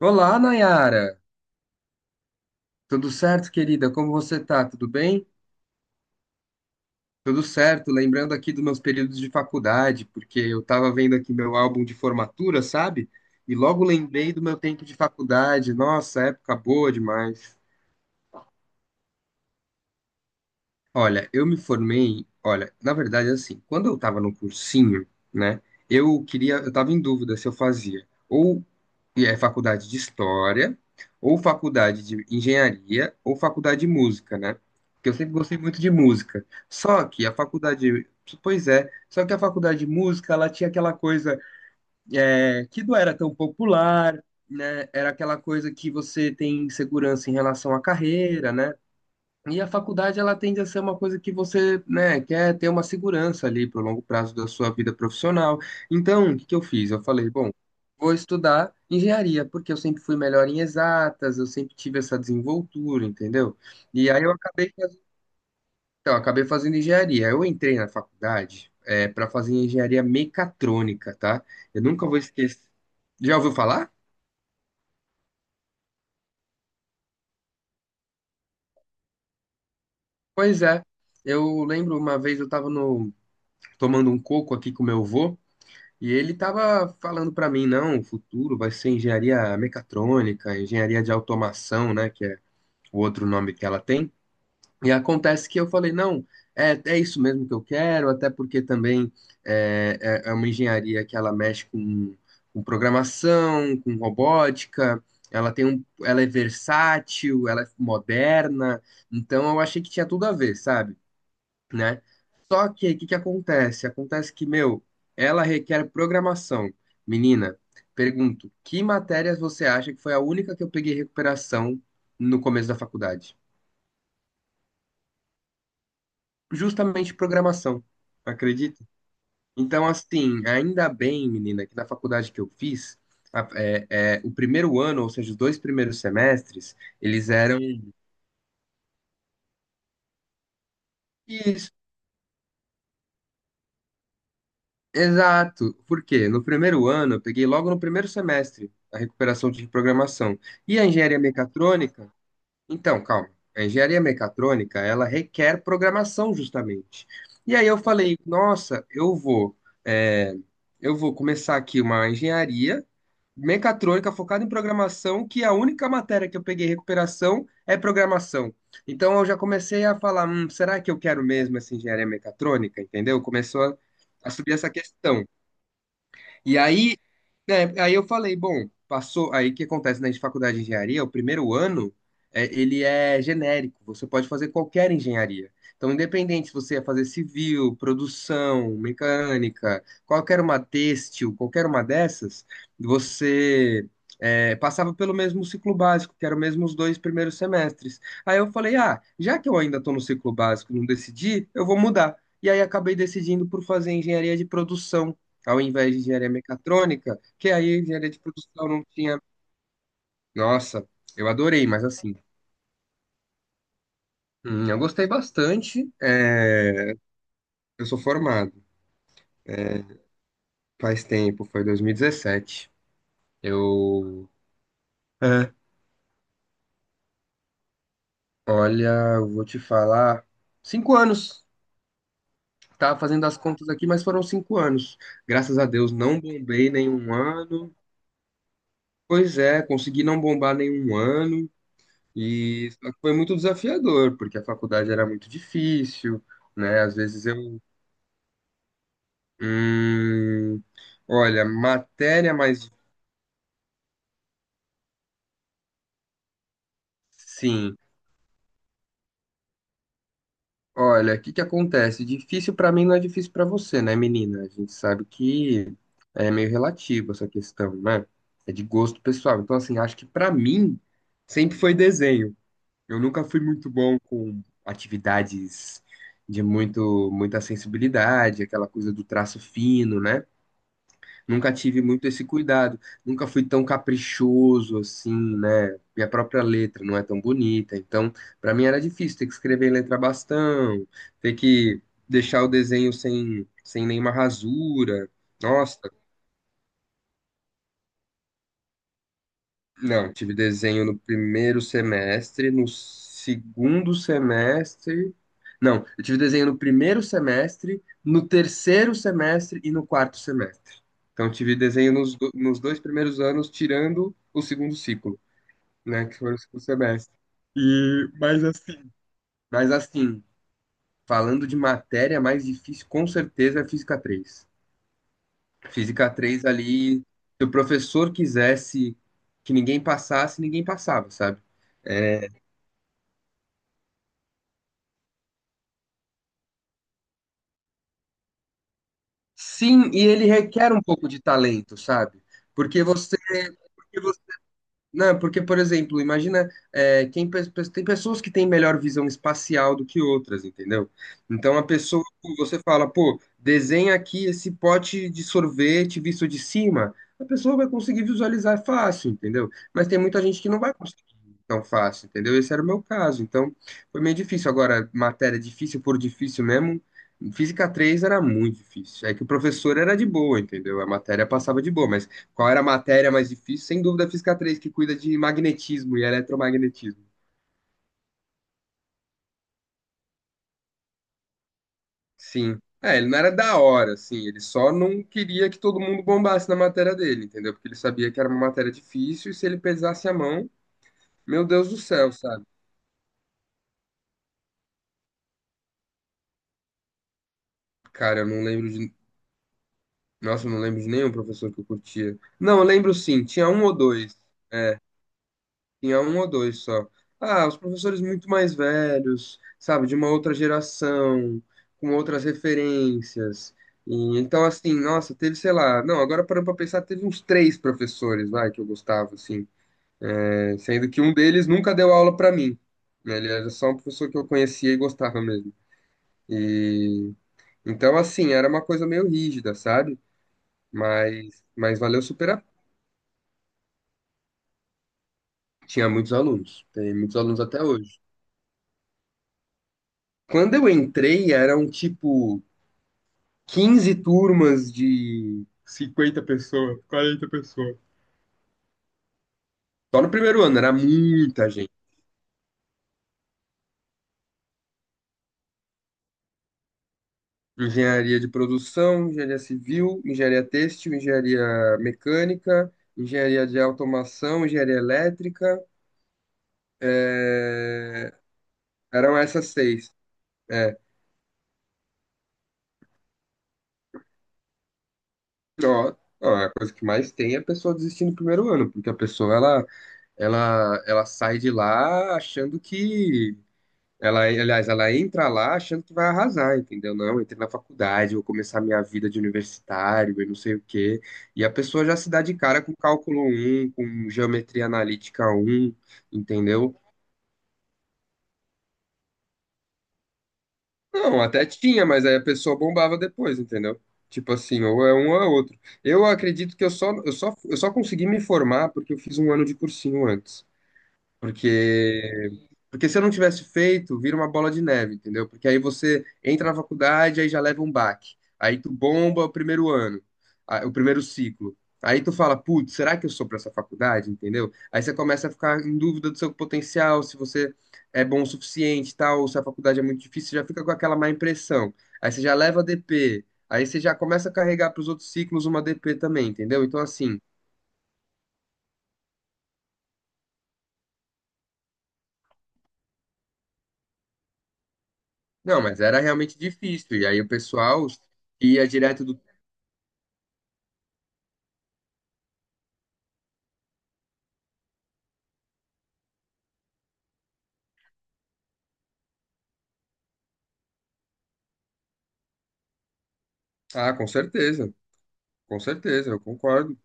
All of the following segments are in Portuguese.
Olá, Nayara. Tudo certo, querida? Como você tá? Tudo bem? Tudo certo. Lembrando aqui dos meus períodos de faculdade, porque eu tava vendo aqui meu álbum de formatura, sabe? E logo lembrei do meu tempo de faculdade. Nossa, época boa demais. Olha, eu me formei. Olha, na verdade, assim, quando eu tava no cursinho, né? Eu tava em dúvida se eu fazia ou faculdade de História, ou faculdade de Engenharia, ou faculdade de Música, né? Porque eu sempre gostei muito de música. Só que a faculdade. Pois é, só que a faculdade de música, ela tinha aquela coisa que não era tão popular, né? Era aquela coisa que você tem insegurança em relação à carreira, né? E a faculdade, ela tende a ser uma coisa que você, né, quer ter uma segurança ali para o longo prazo da sua vida profissional. Então, o que que eu fiz? Eu falei, bom, vou estudar engenharia, porque eu sempre fui melhor em exatas, eu sempre tive essa desenvoltura, entendeu? E aí eu acabei fazendo, então, eu acabei fazendo engenharia. Eu entrei na faculdade para fazer engenharia mecatrônica, tá? Eu nunca vou esquecer. Já ouviu falar? Pois é. Eu lembro, uma vez eu estava no tomando um coco aqui com meu avô. E ele tava falando para mim, não, o futuro vai ser engenharia mecatrônica, engenharia de automação, né, que é o outro nome que ela tem. E acontece que eu falei, não, é isso mesmo que eu quero, até porque também é, é uma engenharia que ela mexe com programação, com robótica, ela é versátil, ela é moderna, então eu achei que tinha tudo a ver, sabe? Né? Só que o que que acontece? Acontece que, meu, ela requer programação. Menina, pergunto, que matérias você acha que foi a única que eu peguei recuperação no começo da faculdade? Justamente programação, acredita? Então, assim, ainda bem, menina, que na faculdade que eu fiz, a- é, o primeiro ano, ou seja, os dois primeiros semestres, eles eram isso. Exato. Por quê? No primeiro ano, eu peguei logo no primeiro semestre a recuperação de programação. E a engenharia mecatrônica. Então, calma. A engenharia mecatrônica, ela requer programação justamente. E aí eu falei, nossa, é, eu vou começar aqui uma engenharia mecatrônica focada em programação, que a única matéria que eu peguei recuperação é programação. Então eu já comecei a falar, será que eu quero mesmo essa engenharia mecatrônica? Entendeu? Começou a subir essa questão. E aí aí eu falei, bom, passou. Aí o que acontece na faculdade de engenharia, o primeiro ano, ele é genérico, você pode fazer qualquer engenharia. Então, independente se você ia fazer civil, produção, mecânica, qualquer uma têxtil, qualquer uma dessas, você passava pelo mesmo ciclo básico, que eram mesmo os dois primeiros semestres. Aí eu falei, ah, já que eu ainda estou no ciclo básico e não decidi, eu vou mudar. E aí acabei decidindo por fazer engenharia de produção ao invés de engenharia mecatrônica, que aí a engenharia de produção não tinha. Nossa, eu adorei, mas assim, eu gostei bastante. É, eu sou formado. É, faz tempo, foi 2017. Eu. É. Olha, eu vou te falar. 5 anos. Tava fazendo as contas aqui, mas foram 5 anos. Graças a Deus, não bombei nenhum ano. Pois é, consegui não bombar nenhum ano. E só que foi muito desafiador, porque a faculdade era muito difícil, né? Às vezes eu, hum, olha, matéria mais. Sim. Olha, o que que acontece? Difícil pra mim não é difícil pra você, né, menina? A gente sabe que é meio relativo essa questão, né? É de gosto pessoal. Então, assim, acho que pra mim sempre foi desenho. Eu nunca fui muito bom com atividades de muito muita sensibilidade, aquela coisa do traço fino, né? Nunca tive muito esse cuidado, nunca fui tão caprichoso assim, né? Minha própria letra não é tão bonita, então para mim era difícil ter que escrever em letra bastão, ter que deixar o desenho sem nenhuma rasura. Nossa. Não, tive desenho no primeiro semestre, no segundo semestre. Não, eu tive desenho no primeiro semestre, no terceiro semestre e no quarto semestre. Então, tive desenho nos dois primeiros anos, tirando o segundo ciclo, né, que foi o segundo semestre. E, mas assim, falando de matéria mais difícil, com certeza é Física 3. Física 3 ali, se o professor quisesse que ninguém passasse, ninguém passava, sabe? É. Sim, e ele requer um pouco de talento, sabe? Porque você, porque não, porque, por exemplo, imagina, tem pessoas que têm melhor visão espacial do que outras, entendeu? Então, a pessoa, pô, você fala, pô, desenha aqui esse pote de sorvete visto de cima, a pessoa vai conseguir visualizar fácil, entendeu? Mas tem muita gente que não vai conseguir tão fácil, entendeu? Esse era o meu caso, então foi meio difícil. Agora, matéria difícil por difícil mesmo, Física 3 era muito difícil. É que o professor era de boa, entendeu? A matéria passava de boa, mas qual era a matéria mais difícil? Sem dúvida, a Física 3, que cuida de magnetismo e eletromagnetismo. Sim. É, ele não era da hora, assim, ele só não queria que todo mundo bombasse na matéria dele, entendeu? Porque ele sabia que era uma matéria difícil e se ele pesasse a mão, meu Deus do céu, sabe? Cara, eu não lembro de. Nossa, eu não lembro de nenhum professor que eu curtia. Não, eu lembro sim, tinha um ou dois. Tinha um ou dois só. Ah, os professores muito mais velhos, sabe, de uma outra geração, com outras referências. E, então, assim, nossa, teve, sei lá, não, agora parando pra pensar, teve uns três professores, vai, que eu gostava, assim. É, sendo que um deles nunca deu aula pra mim, né. Ele era só um professor que eu conhecia e gostava mesmo. E então, assim, era uma coisa meio rígida, sabe? Mas valeu super a... Tinha muitos alunos, tem muitos alunos até hoje. Quando eu entrei, era um tipo 15 turmas de 50 pessoas, 40 pessoas. Só no primeiro ano, era muita gente. Engenharia de produção, engenharia civil, engenharia têxtil, engenharia mecânica, engenharia de automação, engenharia elétrica. é, Eram essas seis. É. Ó, ó, a coisa que mais tem é a pessoa desistir no primeiro ano, porque a pessoa ela sai de lá achando que. Ela, aliás, ela entra lá achando que vai arrasar, entendeu? Não, eu entrei na faculdade, vou começar minha vida de universitário e não sei o quê. E a pessoa já se dá de cara com cálculo 1, com geometria analítica 1, entendeu? Não, até tinha, mas aí a pessoa bombava depois, entendeu? Tipo assim, ou é um ou é outro. Eu acredito que eu só consegui me formar porque eu fiz um ano de cursinho antes. Porque, porque se eu não tivesse feito, vira uma bola de neve, entendeu? Porque aí você entra na faculdade, aí já leva um baque. Aí tu bomba o primeiro ano, o primeiro ciclo. Aí tu fala, putz, será que eu sou pra essa faculdade, entendeu? Aí você começa a ficar em dúvida do seu potencial, se você é bom o suficiente, e tal, ou se a faculdade é muito difícil, você já fica com aquela má impressão. Aí você já leva DP, aí você já começa a carregar pros outros ciclos uma DP também, entendeu? Então assim. Não, mas era realmente difícil. E aí o pessoal ia direto do. Ah, com certeza, eu concordo.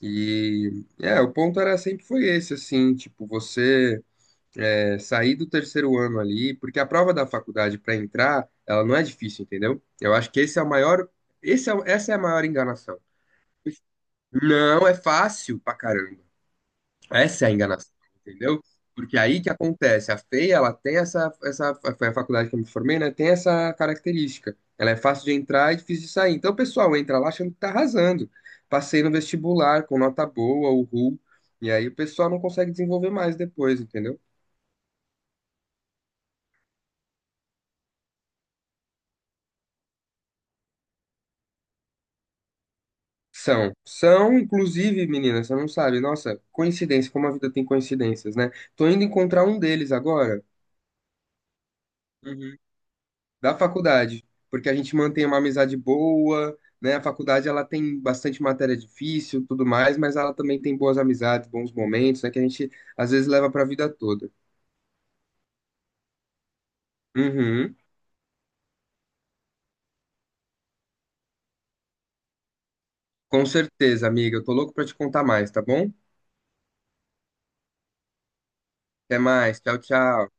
O ponto era sempre foi esse, assim, tipo, você, sair do terceiro ano ali, porque a prova da faculdade para entrar, ela não é difícil, entendeu? Eu acho que esse é o maior, esse é, o- essa é a maior enganação. Não é fácil pra caramba. Essa é a enganação, entendeu? Porque aí que acontece, a FEI, ela tem essa, essa, foi a faculdade que eu me formei, né? Tem essa característica. Ela é fácil de entrar e difícil de sair. Então o pessoal entra lá achando que tá arrasando. Passei no vestibular com nota boa, o RU, e aí o pessoal não consegue desenvolver mais depois, entendeu? São, são, inclusive, meninas, você não sabe, nossa, coincidência, como a vida tem coincidências, né? Tô indo encontrar um deles agora. Uhum. Da faculdade, porque a gente mantém uma amizade boa, né? A faculdade ela tem bastante matéria difícil, tudo mais, mas ela também tem boas amizades, bons momentos, né? Que a gente às vezes leva para a vida toda. Uhum. Com certeza, amiga. Eu tô louco para te contar mais, tá bom? Até mais. Tchau, tchau.